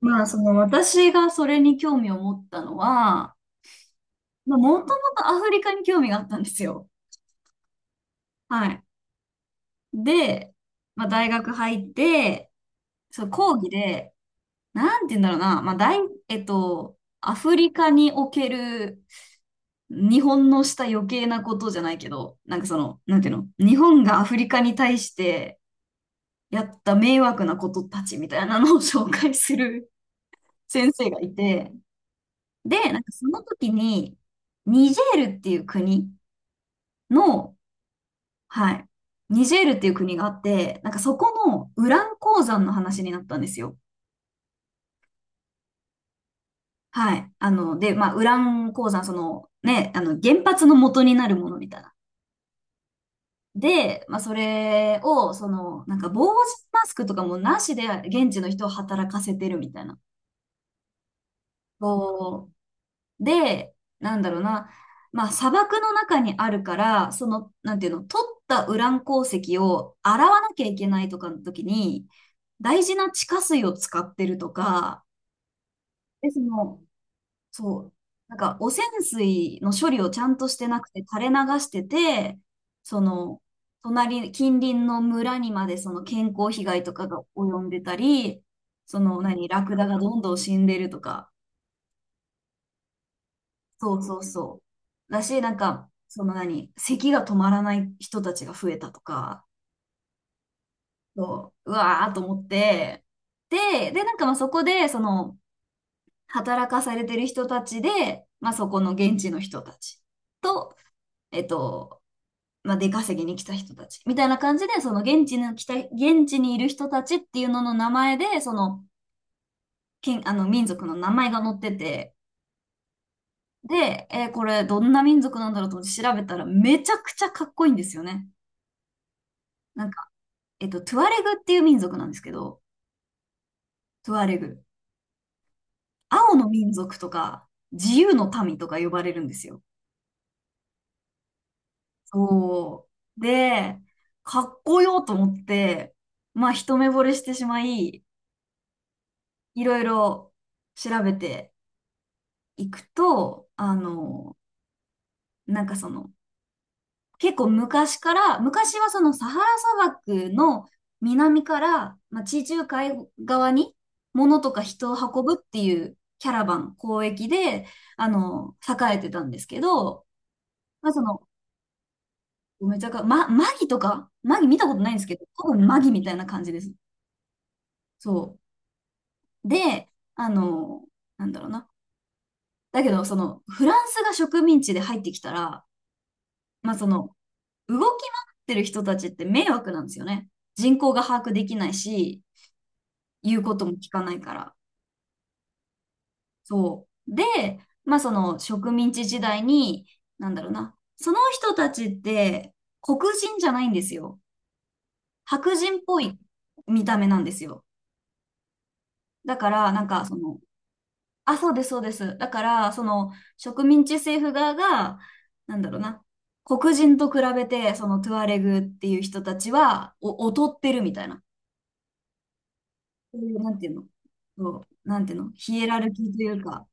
まあ、その私がそれに興味を持ったのは、まあ、もともとアフリカに興味があったんですよ。はい。で、まあ、大学入って、そう、講義で、なんて言うんだろうな、まあ、大、えっと、アフリカにおける日本のした余計なことじゃないけど、なんかその、なんていうの、日本がアフリカに対してやった迷惑なことたちみたいなのを紹介する先生がいて、で、なんかその時に、ニジェールっていう国の、はい、ニジェールっていう国があって、なんかそこのウラン鉱山の話になったんですよ。はい。あの、で、まあ、ウラン鉱山、その、ね、あの、原発の元になるものみたいな。で、まあ、それを、その、なんか、防塵マスクとかもなしで、現地の人を働かせてるみたいな。こうで、なんだろうな、まあ砂漠の中にあるから、その、なんていうの、取ったウラン鉱石を洗わなきゃいけないとかの時に、大事な地下水を使ってるとか、で、その、そう、なんか汚染水の処理をちゃんとしてなくて垂れ流してて、その、近隣の村にまでその健康被害とかが及んでたり、その、何、ラクダがどんどん死んでるとか、そうそうそう。だし、なんか、その何、咳が止まらない人たちが増えたとか、そう、うわーと思って、で、なんかまあそこで、その、働かされてる人たちで、まあそこの現地の人たちと、えっと、まあ出稼ぎに来た人たち、みたいな感じで、現地にいる人たちっていうのの名前で、その、あの民族の名前が載ってて、で、これどんな民族なんだろうと思って調べたらめちゃくちゃかっこいいんですよね。なんか、トゥアレグっていう民族なんですけど、トゥアレグ。青の民族とか、自由の民とか呼ばれるんですよ。そう。で、かっこよと思って、まあ、一目惚れしてしまい、いろいろ調べていくと、あの、なんかその、結構昔から、昔はそのサハラ砂漠の南から、まあ、地中海側に物とか人を運ぶっていうキャラバン、交易で、あの、栄えてたんですけど、まあ、その、めちゃか、ま、マギとかマギ見たことないんですけど、多分マギみたいな感じです。そう。で、あの、なんだろうな。だけど、その、フランスが植民地で入ってきたら、まあ、その、動き回ってる人たちって迷惑なんですよね。人口が把握できないし、言うことも聞かないから。そう。で、まあその植民地時代に、なんだろうな。その人たちって黒人じゃないんですよ。白人っぽい見た目なんですよ。だから、なんかその、あ、そうです、そうです。だから、その植民地政府側が、なんだろうな。黒人と比べて、そのトゥアレグっていう人たちは、劣ってるみたいな。そういうなんていうの、そう、なんていうの、ヒエラルキーというか、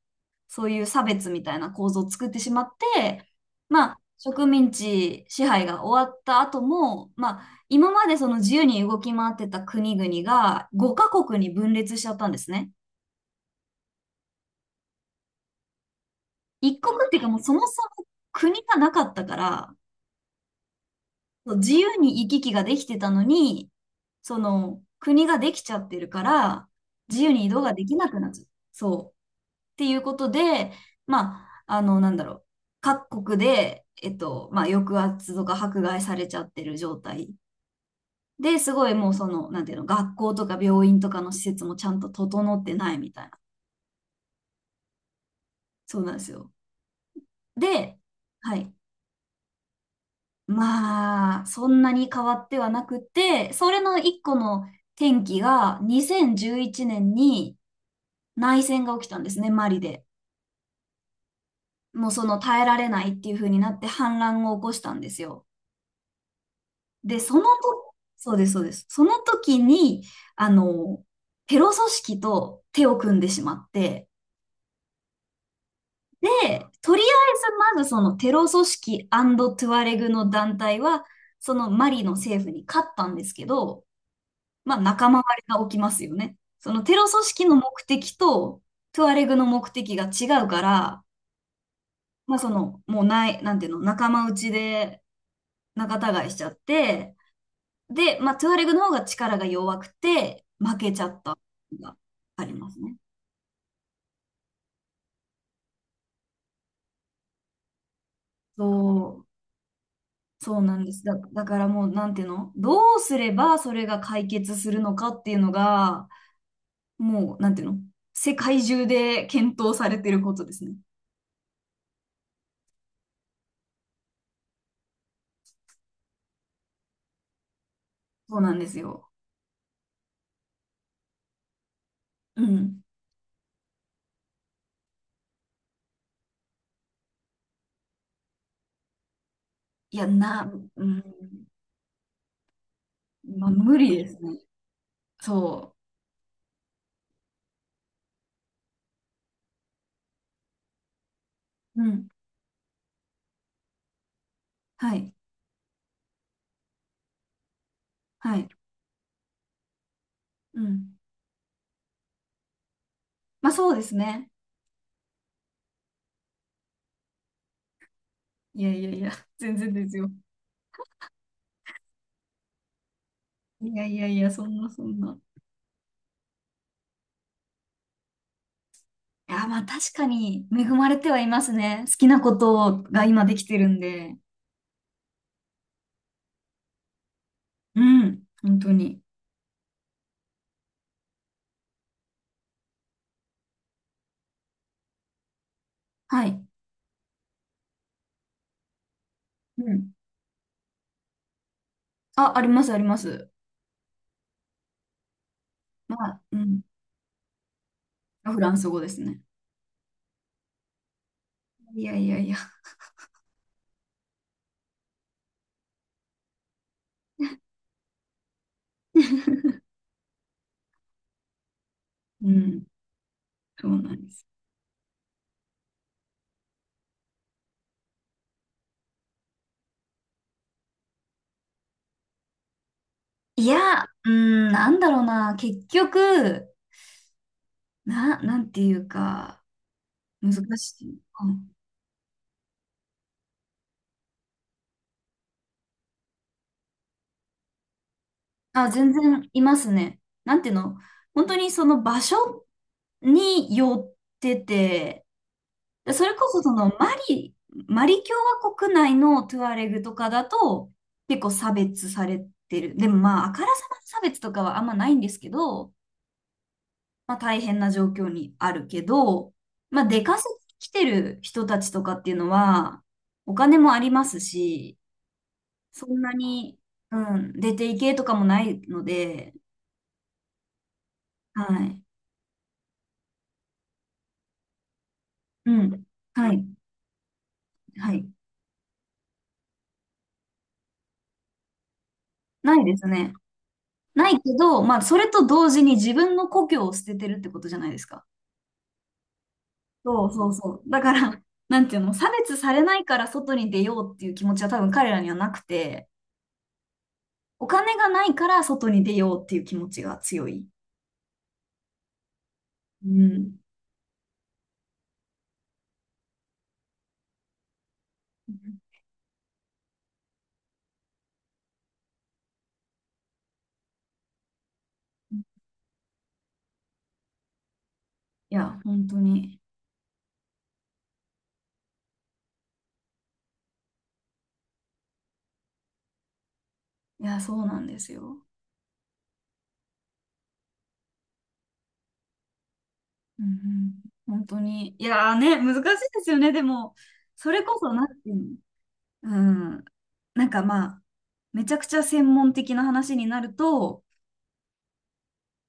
そういう差別みたいな構造を作ってしまって、まあ、植民地支配が終わった後も、まあ、今までその自由に動き回ってた国々が5カ国に分裂しちゃったんですね。一国っていうかもうそもそも国がなかったから、そう自由に行き来ができてたのに、その国ができちゃってるから、自由に移動ができなくなっちゃう。そう。っていうことで、まあ、あの、なんだろう。各国で、まあ、抑圧とか迫害されちゃってる状態。で、すごいもうその、なんていうの、学校とか病院とかの施設もちゃんと整ってないみたいな。そうなんですよ。で、はい。まあ、そんなに変わってはなくて、それの一個の転機が2011年に内戦が起きたんですね、マリで。もうその耐えられないっていう風になって反乱を起こしたんですよ。で、そのと、そうです、そうです。その時に、あの、テロ組織と手を組んでしまって、で、とりあえずまずそのテロ組織トゥアレグの団体は、そのマリの政府に勝ったんですけど、まあ、仲間割れが起きますよね。そのテロ組織の目的とトゥアレグの目的が違うから、まあ、その、もうない、なんていうの、仲間内で仲違いしちゃって、で、まあ、トゥアレグの方が力が弱くて、負けちゃったのがありますね。そう、そうなんです。だからもう、なんていうの、どうすればそれが解決するのかっていうのが、もう、なんていうの、世界中で検討されてることですね。そうなんですよ。うん。いや、うん、まあ、無理ですね。そう。うん。はい。はい。うん。まあ、そうですね。いやいやいや、全然ですよ。いやいやいや、そんなそんな。いや、まあ、確かに恵まれてはいますね。好きなことが今できてるんで。うん。本当に。はい。うん。あ、あります、あります。まあ、うん。フランス語ですね。いやいやいや。うん。そうなんです。いや、うん、なんだろうな。結局、なんていうか、難しい。うんあ、全然いますね。なんていうの、本当にその場所によってて、でそれこそそのマリ、マリ共和国内のトゥアレグとかだと結構差別されてる。でもまあ、あからさまな差別とかはあんまないんですけど、まあ大変な状況にあるけど、まあ出稼ぎ来てる人たちとかっていうのはお金もありますし、そんなに、うん、出ていけとかもないので、はい。うん。はい。はい。ないですね。ないけど、まあ、それと同時に自分の故郷を捨ててるってことじゃないですか。そうそうそう。だから、なんていうの、差別されないから外に出ようっていう気持ちは多分彼らにはなくて、お金がないから外に出ようっていう気持ちが強い。うん。いや、本当に。いや、そうなんですよ。うんうん本当に。いやーね、難しいですよね。でも、それこそ、なんていうの、うん、なんかまあ、めちゃくちゃ専門的な話になると、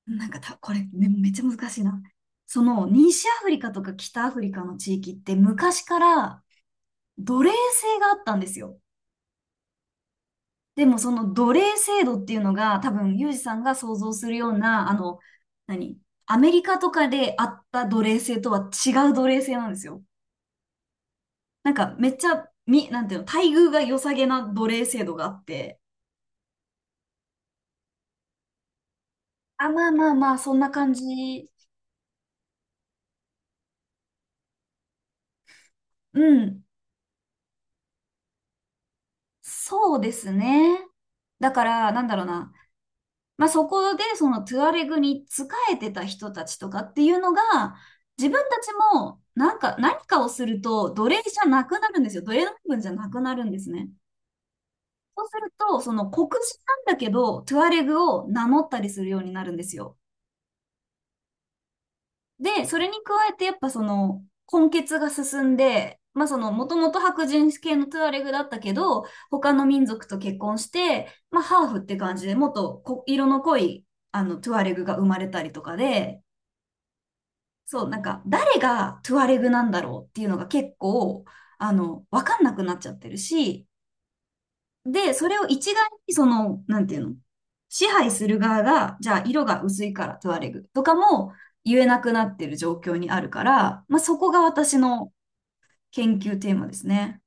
なんかた、これ、ね、めっちゃ難しいな。その、西アフリカとか北アフリカの地域って昔から奴隷制があったんですよ。でも、その奴隷制度っていうのが、多分、ユージさんが想像するような、あの、何アメリカとかであった奴隷制とは違う奴隷制なんですよ。なんかめっちゃ、み、なんていうの、待遇が良さげな奴隷制度があって、あ、まあまあまあ、そんな感じ。うん、そうですね。だから、なんだろうな。まあ、そこで、そのトゥアレグに仕えてた人たちとかっていうのが、自分たちも、なんか、何かをすると、奴隷じゃなくなるんですよ。奴隷の部分じゃなくなるんですね。そうすると、その黒人なんだけど、トゥアレグを名乗ったりするようになるんですよ。で、それに加えてやっぱその混血が進んで、まあそのもともと白人系のトゥアレグだったけど、他の民族と結婚して、まあハーフって感じでもっとこ色の濃いあのトゥアレグが生まれたりとかで、そう、なんか誰がトゥアレグなんだろうっていうのが結構、あの、わかんなくなっちゃってるし、で、それを一概にその、なんていうの、支配する側が、じゃあ色が薄いからトゥアレグとかも言えなくなってる状況にあるから、まあ、そこが私の研究テーマですね。